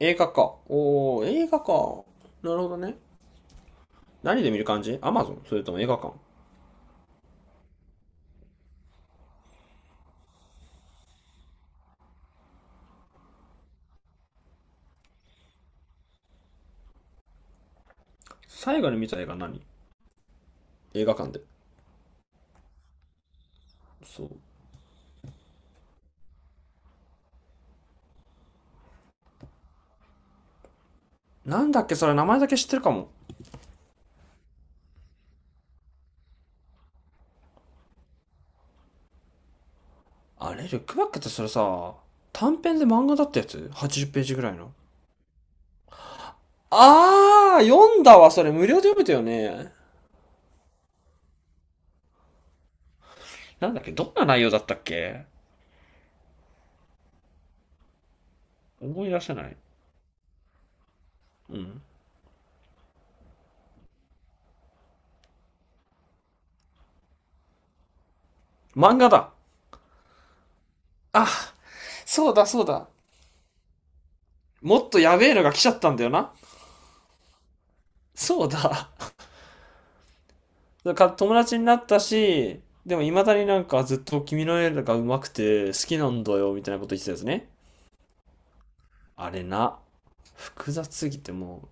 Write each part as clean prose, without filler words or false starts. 映画か。おー、映画か。なるほどね。何で見る感じ？アマゾン、それとも映画館？最後に見た映画何？映画館で。そう。なんだっけ？それ、名前だけ知ってるかも。あれルックバックってそれさ、短編で漫画だったやつ？ 80 ページぐらいの。あー、読んだわ。それ無料で読めたよね。なんだっけ、どんな内容だったっけ？思い出せない。うん。漫画だ。あ、そうだそうだ。もっとやべえのが来ちゃったんだよな。そうだ。か友達になったし、でも未だにずっと君の絵が上手くて好きなんだよみたいなこと言ってたんですね。あれな、複雑すぎても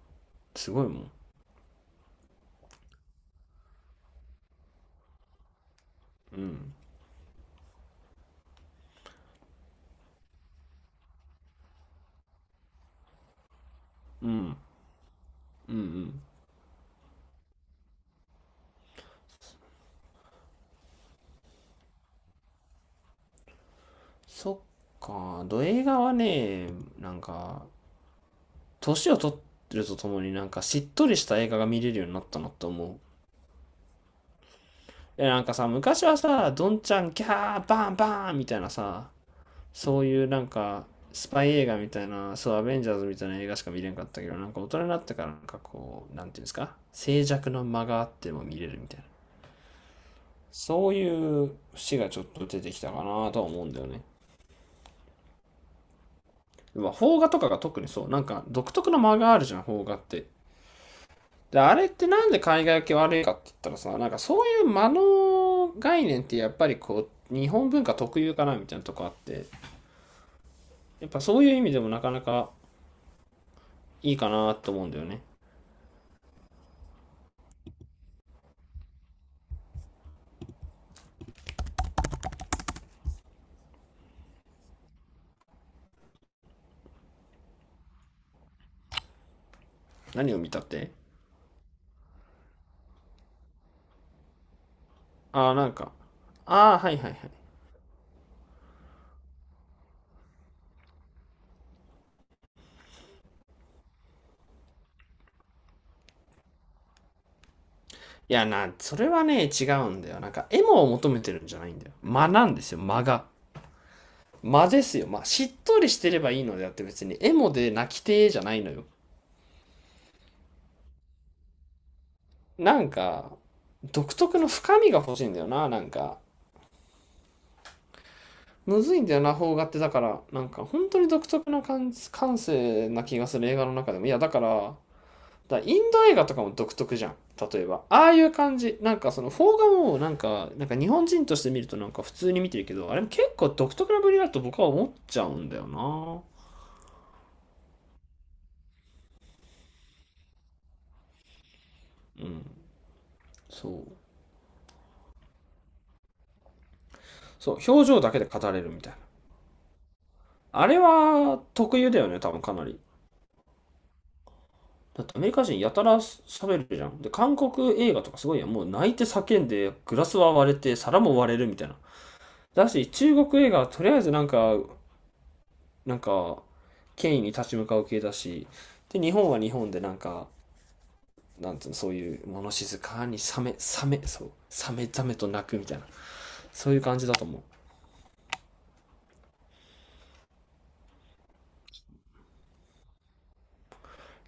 すごいもん。うん。うん。うんうん。そっか、ド映画はね、なんか、年を取ってるとともにしっとりした映画が見れるようになったなと思う。え、なんかさ、昔はさ、どんちゃんキャーバンバンみたいなさ、そういうスパイ映画みたいな、そう、アベンジャーズみたいな映画しか見れんかったけど、なんか大人になってからこう、なんていうんですか、静寂の間があっても見れるみたいな。そういう節がちょっと出てきたかなとは思うんだよね。まあ、邦画とかが特にそう、なんか独特の間があるじゃん、邦画って。で、あれってなんで海外系け悪いかって言ったらさ、なんかそういう間の概念ってやっぱりこう、日本文化特有かなみたいなとこあって、やっぱそういう意味でもなかなかいいかなと思うんだよね。何を見たって？ああ、なんか。ああ、はいはいはい。いや、な、それはね、違うんだよ。なんか、エモを求めてるんじゃないんだよ。間なんですよ、間が。間ですよ。まあ、しっとりしてればいいのであって別に、エモで泣きてーじゃないのよ。なんか、独特の深みが欲しいんだよな、なんか。むずいんだよな、邦画って。だから、なんか、本当に独特な感感性な気がする、映画の中でも。いや、だから、だインド映画とかも独特じゃん。例えば。ああいう感じ。なんかその、フォーガもなんか、なんか日本人として見るとなんか普通に見てるけど、あれも結構独特なぶりだと僕は思っちゃうんだよな。うん。そう。そう、表情だけで語れるみたいな。あれは特有だよね、多分かなり。だってアメリカ人やたら喋るじゃん。で、韓国映画とかすごいやん。もう泣いて叫んで、グラスは割れて、皿も割れるみたいな。だし、中国映画はとりあえずなんか、なんか権威に立ち向かう系だし、で日本は日本でなんか、なんつうの、そういう物静かにサメサメ、そうサメザメと鳴くみたいな、そういう感じだと思う。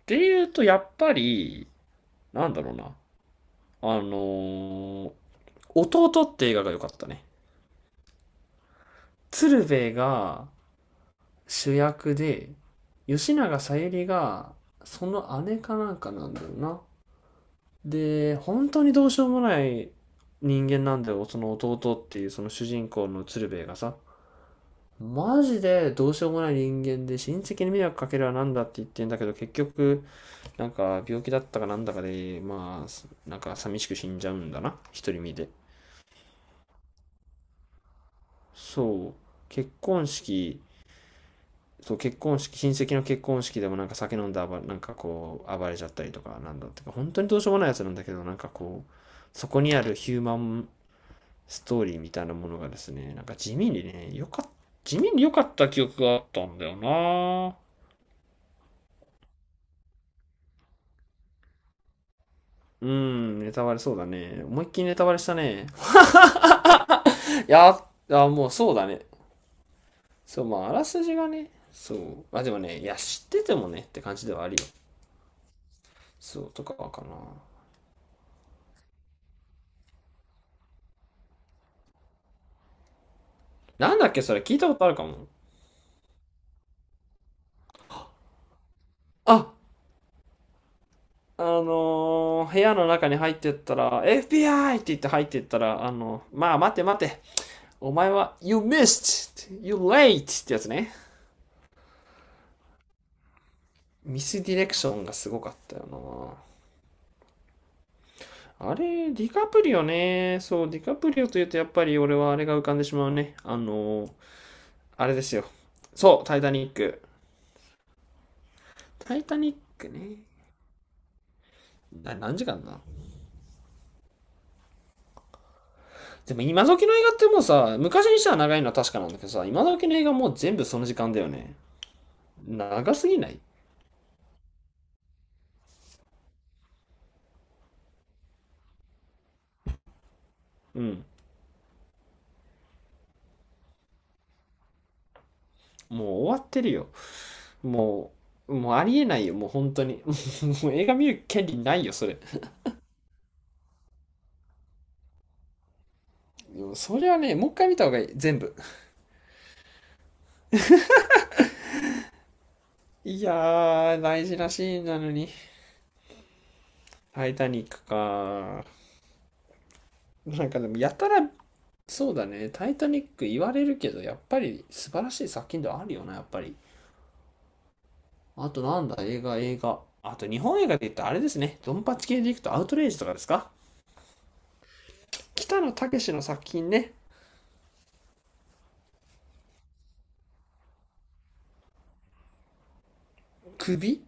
でいうとやっぱり、なんだろうな、あのー弟って映画が良かったね。鶴瓶が主役で、吉永小百合がその姉かなんかなんだよな。で、本当にどうしようもない人間なんだよ、その弟っていうその主人公の鶴瓶がさ。マジでどうしようもない人間で、親戚に迷惑かけるはなんだって言ってんだけど、結局なんか病気だったかなんだかで、まあなんか寂しく死んじゃうんだな、独り身で。そう、結婚式、そう結婚式、親戚の結婚式でもなんか酒飲んで暴れ、なんかこう暴れちゃったりとかなんだってか、本当にどうしようもないやつなんだけど、なんかこうそこにあるヒューマンストーリーみたいなものがですね、なんか地味にね、よかっ地味に良かった記憶があったんだよな。うん、ネタバレそうだね。思いっきりネタバレしたね。いや、あ、もうそうだね。そう、まあ、あらすじがね、そう。まあでもね、いや、知っててもねって感じではあるよ。そう、とかかな。なんだっけ、それ聞いたことあるかも。あ、部屋の中に入ってったら、FBI！ って言って入ってったら、あの、まあ待て待て、お前は、You missed! You late! ってやつね。ミスディレクションがすごかったよな。あれ、ディカプリオね。そう、ディカプリオというとやっぱり俺はあれが浮かんでしまうね。あの、あれですよ。そう、タイタニック。タイタニックね。な、何時間だ？でも今時の映画ってもうさ、昔にしたら長いのは確かなんだけどさ、今時の映画もう全部その時間だよね。長すぎない？うん。もう終わってるよ。ももうありえないよ。もう本当に。もう映画見る権利ないよ、それ。それはね、もう一回見た方がいい。全部。いやー、大事なシーンなのに。タイタニックか。なんかでも、やたら、そうだね。タイタニック言われるけど、やっぱり素晴らしい作品ではあるよな、やっぱり。あとなんだ、映画、映画。あと日本映画で言ったらあれですね。ドンパチ系でいくとアウトレイジとかですか？北野武の作品ね。首？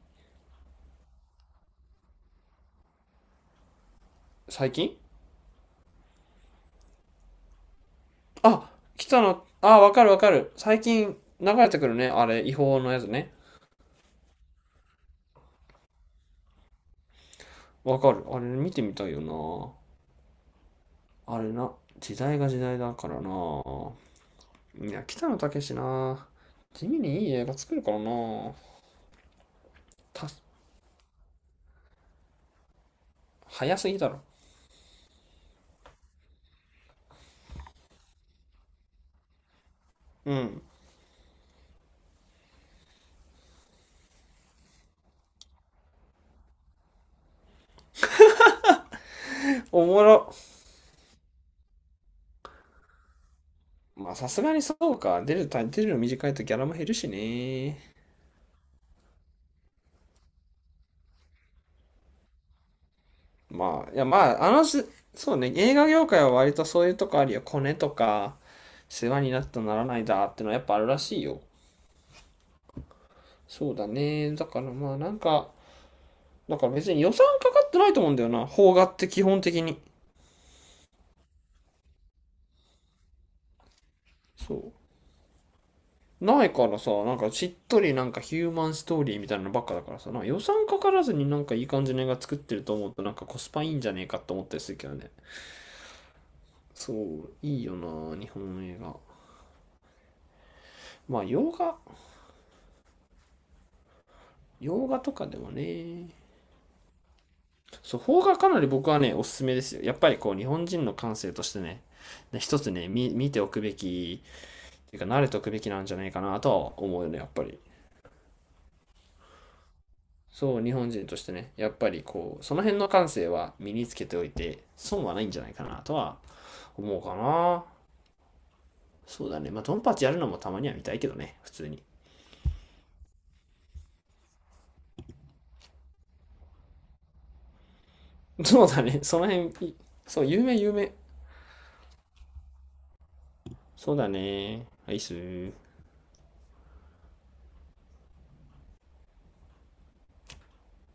最近？あ、北野、あ、わかるわかる。最近流れてくるね。あれ、違法のやつね。わかる。あれ見てみたいよな。あれな、時代が時代だからな。いや、北野武な。地味にいい映画作るからな。た、早すぎだろ。うん。おもろ。まあ、さすがにそうか。出るタイ、出るの短いとギャラも減るしね。まあ、いや、まあ、あのし、そうね、映画業界は割とそういうとこあるよ。コネとか、世話になったならないだってのはやっぱあるらしいよ。そうだね。だからまあ、なんか、だから別に予算かかってないと思うんだよな、邦画って基本的に。そう。ないからさ、なんかしっとりなんかヒューマンストーリーみたいなのばっかだからさ、なんか予算かからずになんかいい感じの映画作ってると思うとなんかコスパいいんじゃねえかって思ったりするけどね。そう、いいよな、日本の映画。まあ、洋画、洋画とかでもね。そう、邦画かなり僕はね、おすすめですよ。やっぱりこう、日本人の感性としてね、ね一つね、見、見ておくべき、っていうか、慣れておくべきなんじゃないかなとは思うよね、やっぱり。そう、日本人としてね、やっぱりこう、その辺の感性は身につけておいて、損はないんじゃないかなとは思うかな。そうだね。まあ、ドンパチやるのもたまには見たいけどね、普通に。そうだね。その辺、そう、有名、有名。そうだね。アイスー。